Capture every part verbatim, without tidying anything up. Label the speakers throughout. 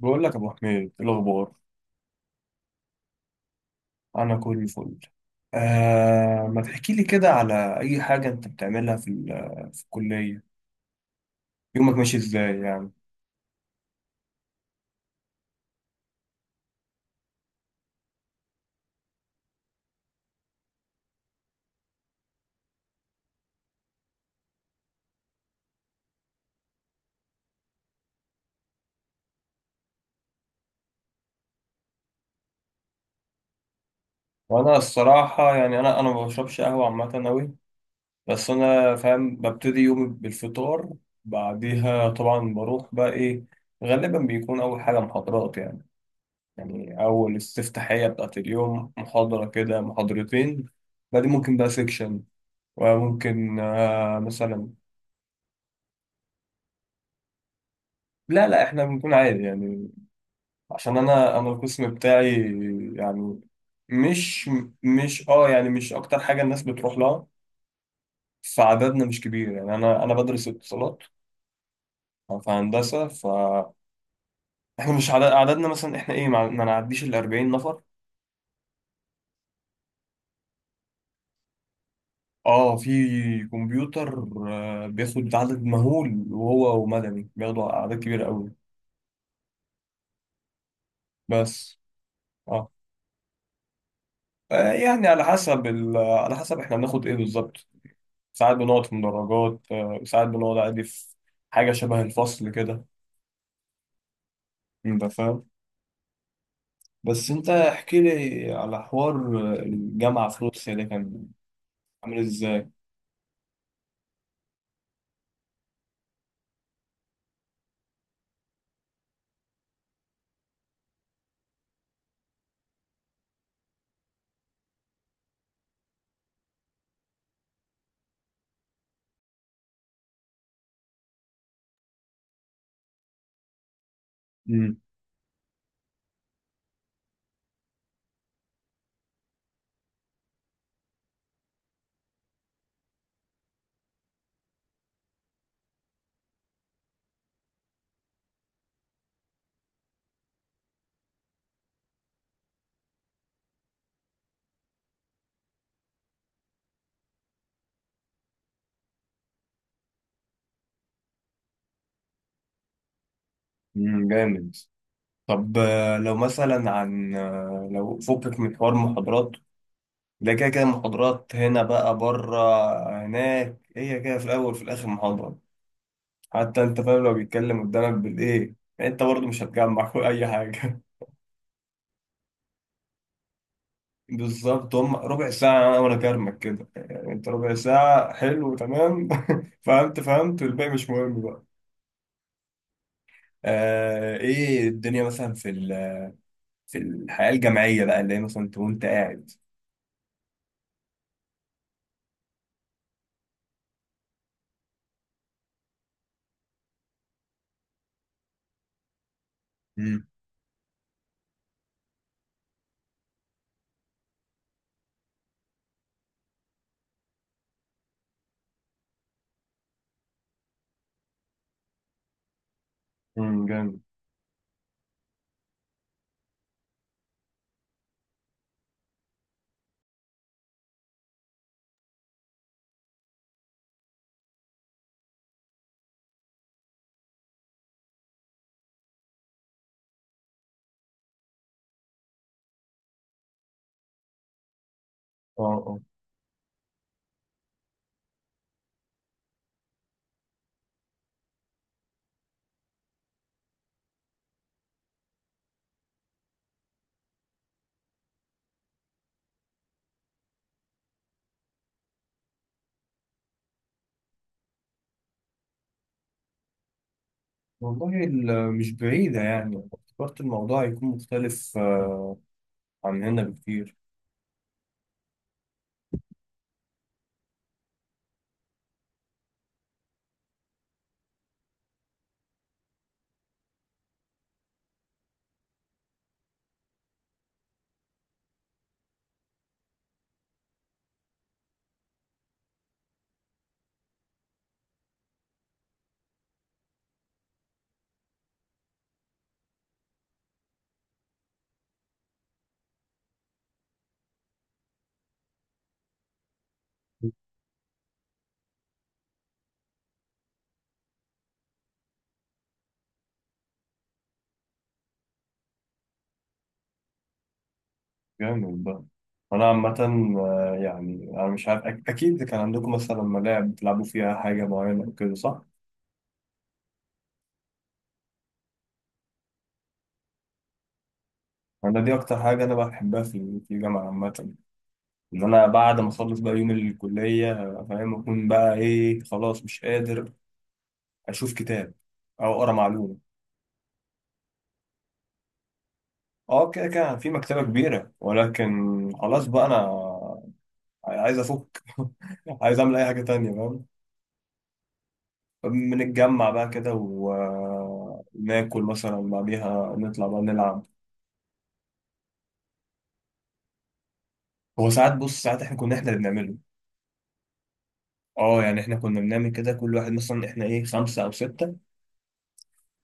Speaker 1: بقول لك يا ابو حميد إيه الاخبار؟ انا كل فل. آه ما تحكي لي كده على اي حاجه انت بتعملها في ال- في الكليه، يومك ماشي ازاي يعني. وانا الصراحه يعني انا انا ما بشربش قهوه عامه قوي، بس انا فاهم ببتدي يومي بالفطار. بعديها طبعا بروح بقى ايه، غالبا بيكون اول حاجه محاضرات يعني، يعني اول استفتاحيه بتاعت اليوم محاضره كده محاضرتين. بعدين ممكن بقى سيكشن، وممكن آه مثلا. لا لا احنا بنكون عادي يعني، عشان انا انا القسم بتاعي يعني، مش، مش اه يعني مش اكتر حاجه الناس بتروح لها. فعددنا مش كبير يعني، انا انا بدرس اتصالات في هندسه، فاحنا مش عدد، عددنا مثلا احنا ايه ما ما نعديش ال أربعين نفر. اه في كمبيوتر آه، بياخد عدد مهول، وهو ومدني بياخدوا اعداد كبيره قوي. بس اه آه، يعني على حسب ال... على حسب احنا بناخد ايه بالظبط، ساعات بنقعد في مدرجات، آه، ساعات بنقعد عادي في حاجة شبه الفصل كده، انت فاهم. بس انت احكي لي على حوار، آه، الجامعة في روسيا ده كان عامل ازاي؟ امم، أمم، جامد. طب آه، لو مثلا عن آه، لو فكك من حوار محاضرات، ده كده كده محاضرات هنا بقى بره، هناك هي كده في الأول في الآخر محاضرة، حتى انت فاهم لو بيتكلم قدامك بالايه يعني، انت برضه مش هتجمع اي حاجة. بالظبط، هم ربع ساعة وأنا كرمك كده يعني، أنت ربع ساعة حلو تمام. فهمت فهمت، والباقي مش مهم بقى. آه إيه الدنيا مثلا في ال- في الحياة الجامعية بقى، اللي هي مثلا أنت وأنت قاعد. مم. امم جامد. اه اه. والله ال- مش بعيدة يعني، افتكرت الموضوع هيكون مختلف آه، عن هنا بكتير. جامد بقى. أنا عامة آه، يعني أنا مش عارف أك- أكيد كان عندكم مثلا ملاعب بتلعبوا فيها حاجة معينة أو كده صح؟ انا دي اكتر حاجه انا بحبها في في الجامعه عامه، ان انا بعد ما اخلص بقى يوم الكليه أبقى فاهم اكون بقى ايه، خلاص مش قادر اشوف كتاب او اقرا معلومه. اه كده كده في مكتبه كبيره ولكن خلاص بقى انا عايز افك، عايز اعمل اي حاجه تانية فاهم. بنتجمع بقى كده وناكل مثلا، بعديها نطلع بقى نلعب. هو ساعات بص، ساعات احنا كنا احنا اللي بنعمله. اه يعني احنا كنا بنعمل كده، كل واحد مثلا احنا ايه خمسة او ستة،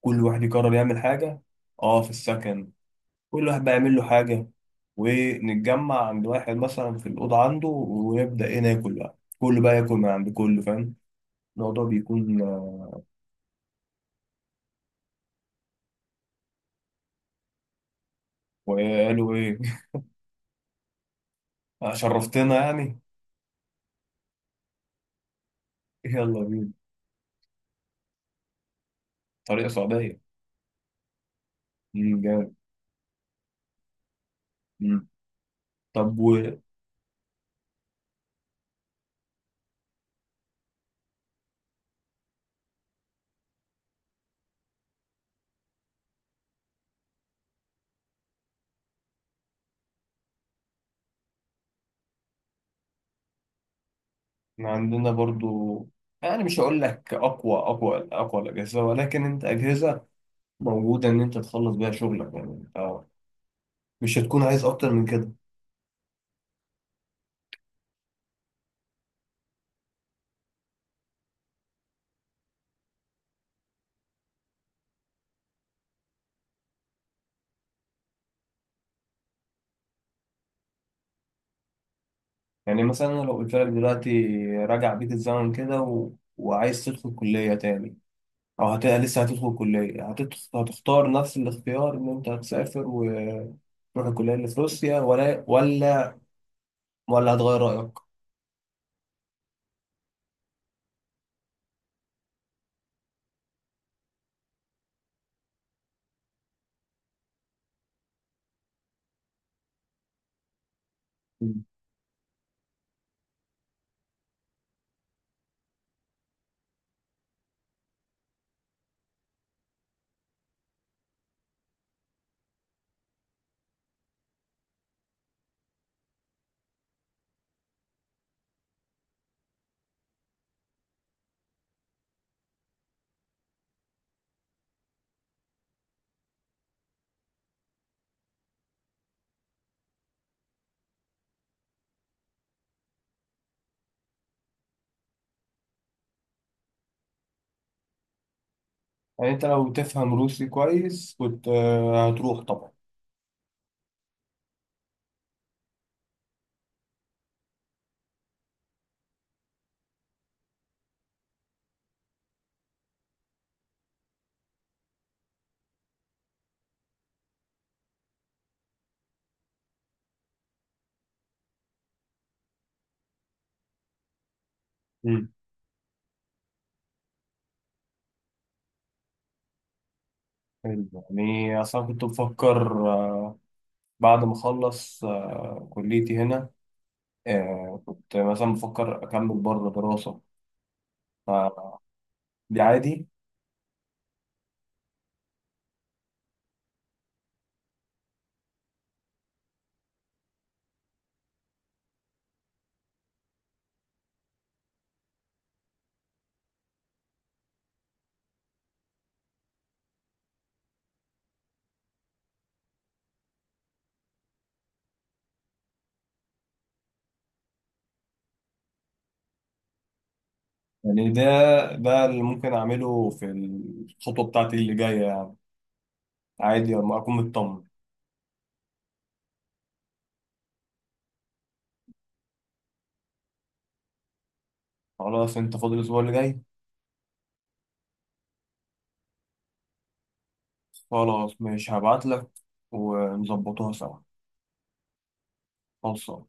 Speaker 1: كل واحد يقرر يعمل حاجة. اه في السكن، كل واحد بقى يعمل له حاجة، ونتجمع عند واحد مثلا في الأوضة عنده، ونبدأ ايه ناكل بقى، كله بقى ياكل من عند كله، فاهم. الموضوع بيكون آه، وقالوا ايه. آه، شرفتنا يعني. يلا بينا. طريقة سعودية. مم، جامد. مم. طب. وعندنا برضو يعني مش هقول لك اقوى اقوى اقوى الاجهزه، ولكن انت اجهزه موجوده ان انت تخلص بيها شغلك يعني، انت مش هتكون عايز اكتر من كده. يعني مثلا أنا لو قلت لك دلوقتي راجع بيك الزمن كده و... وعايز تدخل كلية تاني، أو هت... لسه هتدخل كلية، هتدخل... هتختار نفس الاختيار إن أنت هتسافر وتروح الكلية اللي في روسيا، ولا ولا ولا هتغير رأيك؟ مم. يعني أنت لو تفهم روسي كويس كنت آه، هتروح طبعا. مم. حلو. يعني أصلا كنت بفكر آه، بعد ما أخلص آه، كليتي هنا، آه، كنت مثلا بفكر أكمل بره دراسة. فدي عادي يعني. ده ده اللي ممكن اعمله في الخطوه بتاعتي اللي جايه يعني، عادي لما اكون مطمن. خلاص انت فاضل الاسبوع اللي جاي، خلاص ماشي هبعت لك ونظبطوها سوا. خلصان.